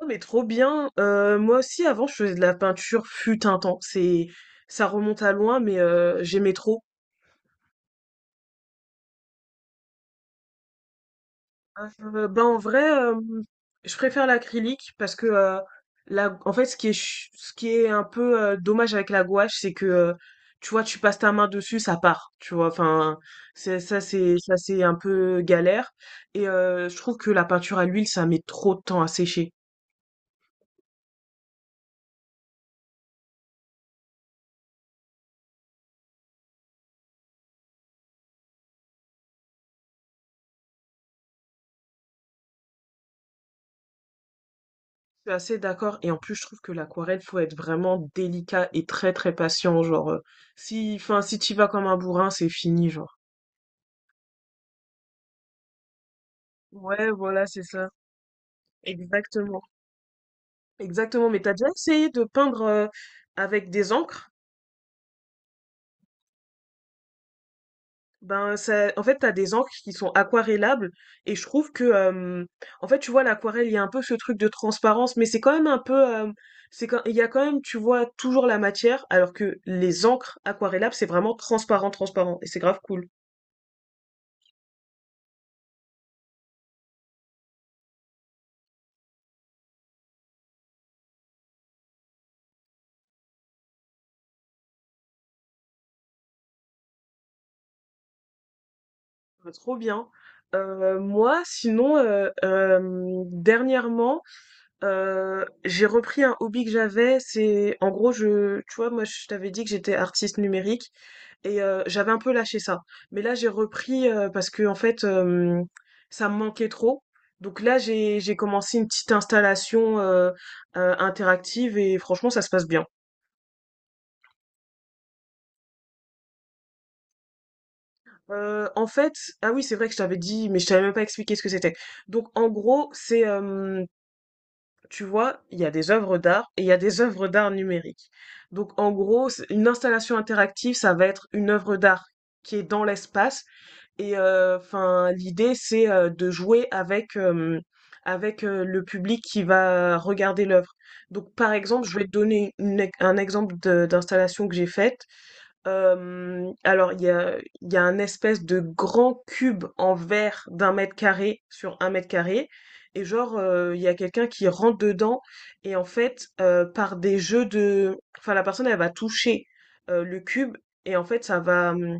Oh, mais trop bien. Moi aussi, avant, je faisais de la peinture, fut un temps. Ça remonte à loin, mais j'aimais trop. Ben, en vrai, je préfère l'acrylique parce que la en fait, ce qui est un peu dommage avec la gouache, c'est que tu vois, tu passes ta main dessus, ça part, tu vois? Enfin, c'est ça, c'est un peu galère et je trouve que la peinture à l'huile, ça met trop de temps à sécher. Je suis assez d'accord. Et en plus, je trouve que l'aquarelle, faut être vraiment délicat et très très patient. Genre, si, enfin, si tu vas comme un bourrin, c'est fini, genre. Ouais, voilà, c'est ça. Exactement. Exactement. Mais t'as déjà essayé de peindre avec des encres? Ben, ça, en fait, t'as des encres qui sont aquarellables. Et je trouve que, en fait, tu vois, l'aquarelle, il y a un peu ce truc de transparence, mais c'est quand même un peu, il y a quand même, tu vois, toujours la matière, alors que les encres aquarellables, c'est vraiment transparent, transparent. Et c'est grave cool. Bah, trop bien. Moi, sinon, dernièrement, j'ai repris un hobby que j'avais. C'est, en gros, tu vois, moi, je t'avais dit que j'étais artiste numérique et j'avais un peu lâché ça. Mais là, j'ai repris parce que, en fait, ça me manquait trop. Donc là, j'ai commencé une petite installation interactive et franchement, ça se passe bien. Euh, en fait, ah oui, c'est vrai que je t'avais dit, mais je t'avais même pas expliqué ce que c'était. Donc, en gros, c'est tu vois, il y a des œuvres d'art et il y a des œuvres d'art numériques. Donc en gros, une installation interactive, ça va être une œuvre d'art qui est dans l'espace. Et enfin, l'idée, c'est de jouer avec le public qui va regarder l'œuvre. Donc par exemple, je vais te donner un exemple d'installation que j'ai faite. Il y a un espèce de grand cube en verre d'un mètre carré sur un mètre carré. Et genre, il y a quelqu'un qui rentre dedans. Et en fait, par des jeux de... Enfin, la personne, elle va toucher le cube. Et en fait,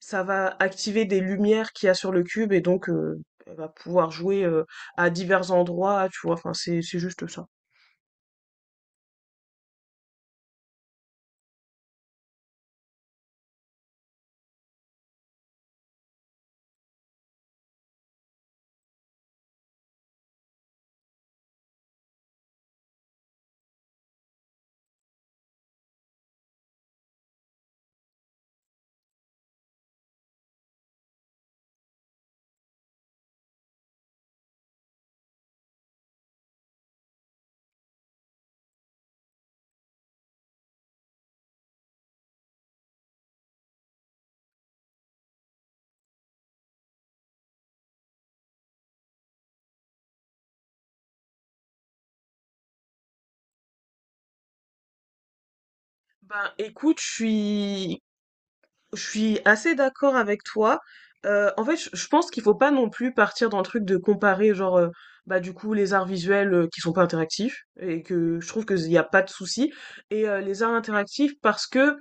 ça va activer des lumières qu'il y a sur le cube. Et donc, elle va pouvoir jouer à divers endroits, tu vois. Enfin, c'est juste ça. Ben, écoute, je suis assez d'accord avec toi. Je pense qu'il faut pas non plus partir dans le truc de comparer, genre, bah du coup, les arts visuels qui sont pas interactifs et que je trouve qu'il n'y a pas de souci et les arts interactifs parce que,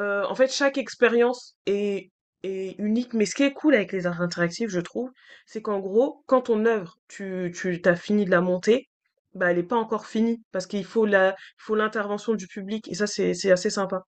chaque expérience est unique. Mais ce qui est cool avec les arts interactifs, je trouve, c'est qu'en gros, quand ton œuvre, tu t'as fini de la monter, bah elle est pas encore finie parce qu'il faut il faut l'intervention du public et ça c'est assez sympa.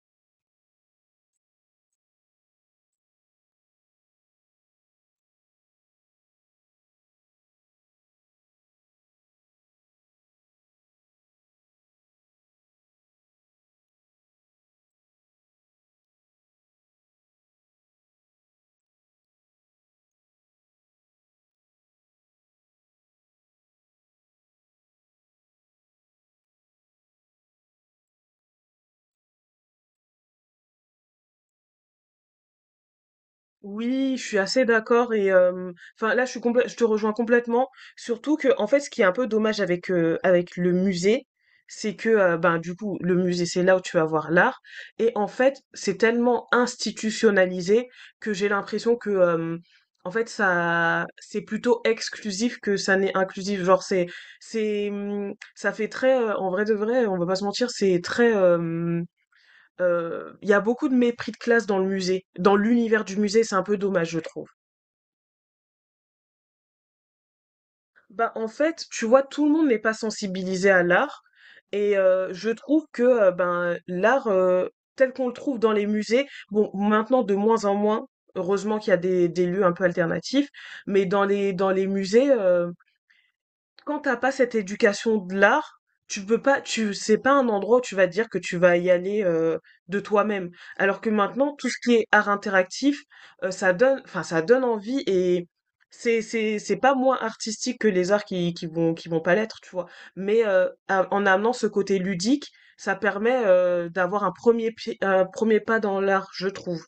Oui, je suis assez d'accord et enfin là je suis je te rejoins complètement. Surtout que en fait ce qui est un peu dommage avec, avec le musée, c'est que ben du coup le musée c'est là où tu vas voir l'art et en fait c'est tellement institutionnalisé que j'ai l'impression que, en fait ça c'est plutôt exclusif que ça n'est inclusif. C'est ça fait très en vrai de vrai on va pas se mentir c'est très. Il y a beaucoup de mépris de classe dans le musée, dans l'univers du musée, c'est un peu dommage, je trouve. Bah, en fait, tu vois, tout le monde n'est pas sensibilisé à l'art, et je trouve que, ben l'art tel qu'on le trouve dans les musées, bon, maintenant de moins en moins, heureusement qu'il y a des lieux un peu alternatifs, mais dans les musées, quand t'as pas cette éducation de l'art, tu peux pas, tu, c'est pas un endroit où tu vas te dire que tu vas y aller de toi-même. Alors que maintenant, tout ce qui est art interactif, ça donne, enfin, ça donne envie et c'est pas moins artistique que les arts qui vont pas l'être, tu vois. En amenant ce côté ludique, ça permet d'avoir un un premier pas dans l'art, je trouve.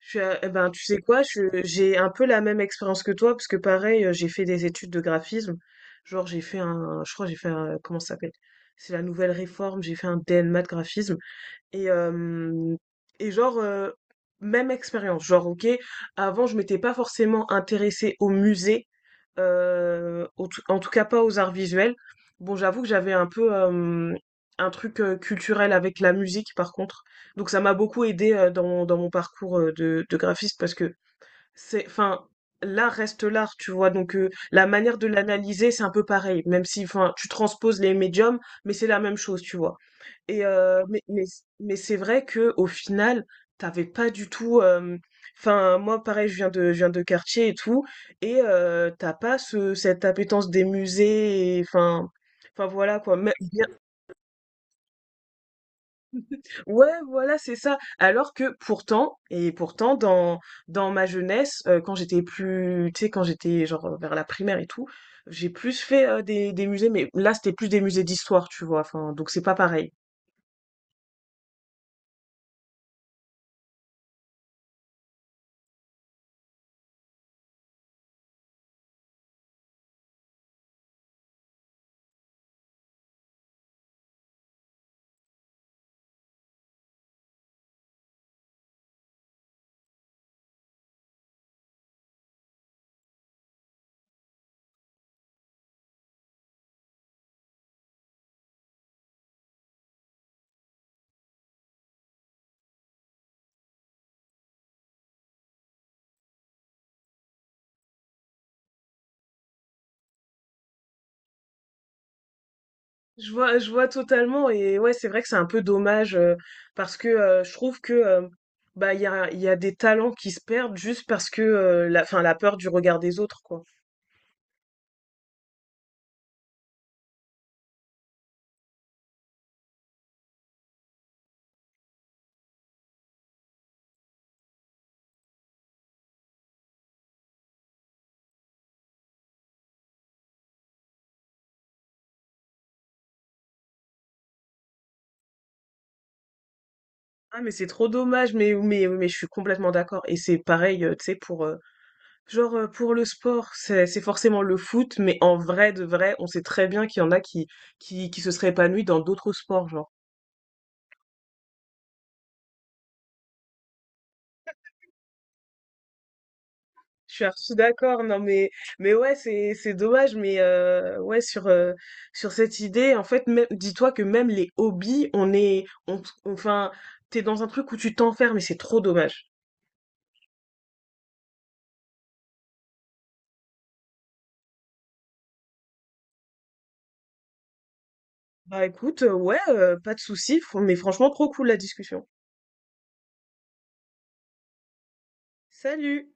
Eh ben, tu sais quoi, j'ai un peu la même expérience que toi, parce que pareil, j'ai fait des études de graphisme. Genre, je crois, que j'ai fait comment ça s'appelle? C'est la nouvelle réforme, j'ai fait un DNMAT graphisme. Et, euh, et genre, euh, Même expérience. Genre, ok, avant, je m'étais pas forcément intéressée au musée, en tout cas pas aux arts visuels. Bon, j'avoue que j'avais un peu un truc culturel avec la musique, par contre. Donc, ça m'a beaucoup aidé dans mon parcours de graphiste parce que c'est, enfin, l'art reste l'art, tu vois. La manière de l'analyser, c'est un peu pareil, même si, enfin, tu transposes les médiums, mais c'est la même chose, tu vois. Mais mais c'est vrai que au final, t'avais pas du tout. Enfin, moi, pareil, je viens de quartier et tout, et t'as pas ce cette appétence des musées. Enfin, enfin voilà quoi. Ouais, voilà, c'est ça. Alors que pourtant, et pourtant, dans ma jeunesse, quand j'étais plus, tu sais, quand j'étais genre vers la primaire et tout, j'ai plus fait des musées, mais là, c'était plus des musées d'histoire, tu vois. Enfin, donc c'est pas pareil. Je vois totalement et ouais, c'est vrai que c'est un peu dommage parce que je trouve que bah il y a des talents qui se perdent juste parce que enfin la peur du regard des autres quoi. Ah mais c'est trop dommage mais je suis complètement d'accord et c'est pareil tu sais pour le sport c'est forcément le foot mais en vrai de vrai on sait très bien qu'il y en a qui qui se seraient épanouis dans d'autres sports genre. Je suis archi d'accord, non mais ouais c'est dommage mais ouais sur sur cette idée en fait même dis-toi que même les hobbies on est on enfin t'es dans un truc où tu t'enfermes et c'est trop dommage. Bah écoute ouais pas de souci mais franchement trop cool la discussion. Salut.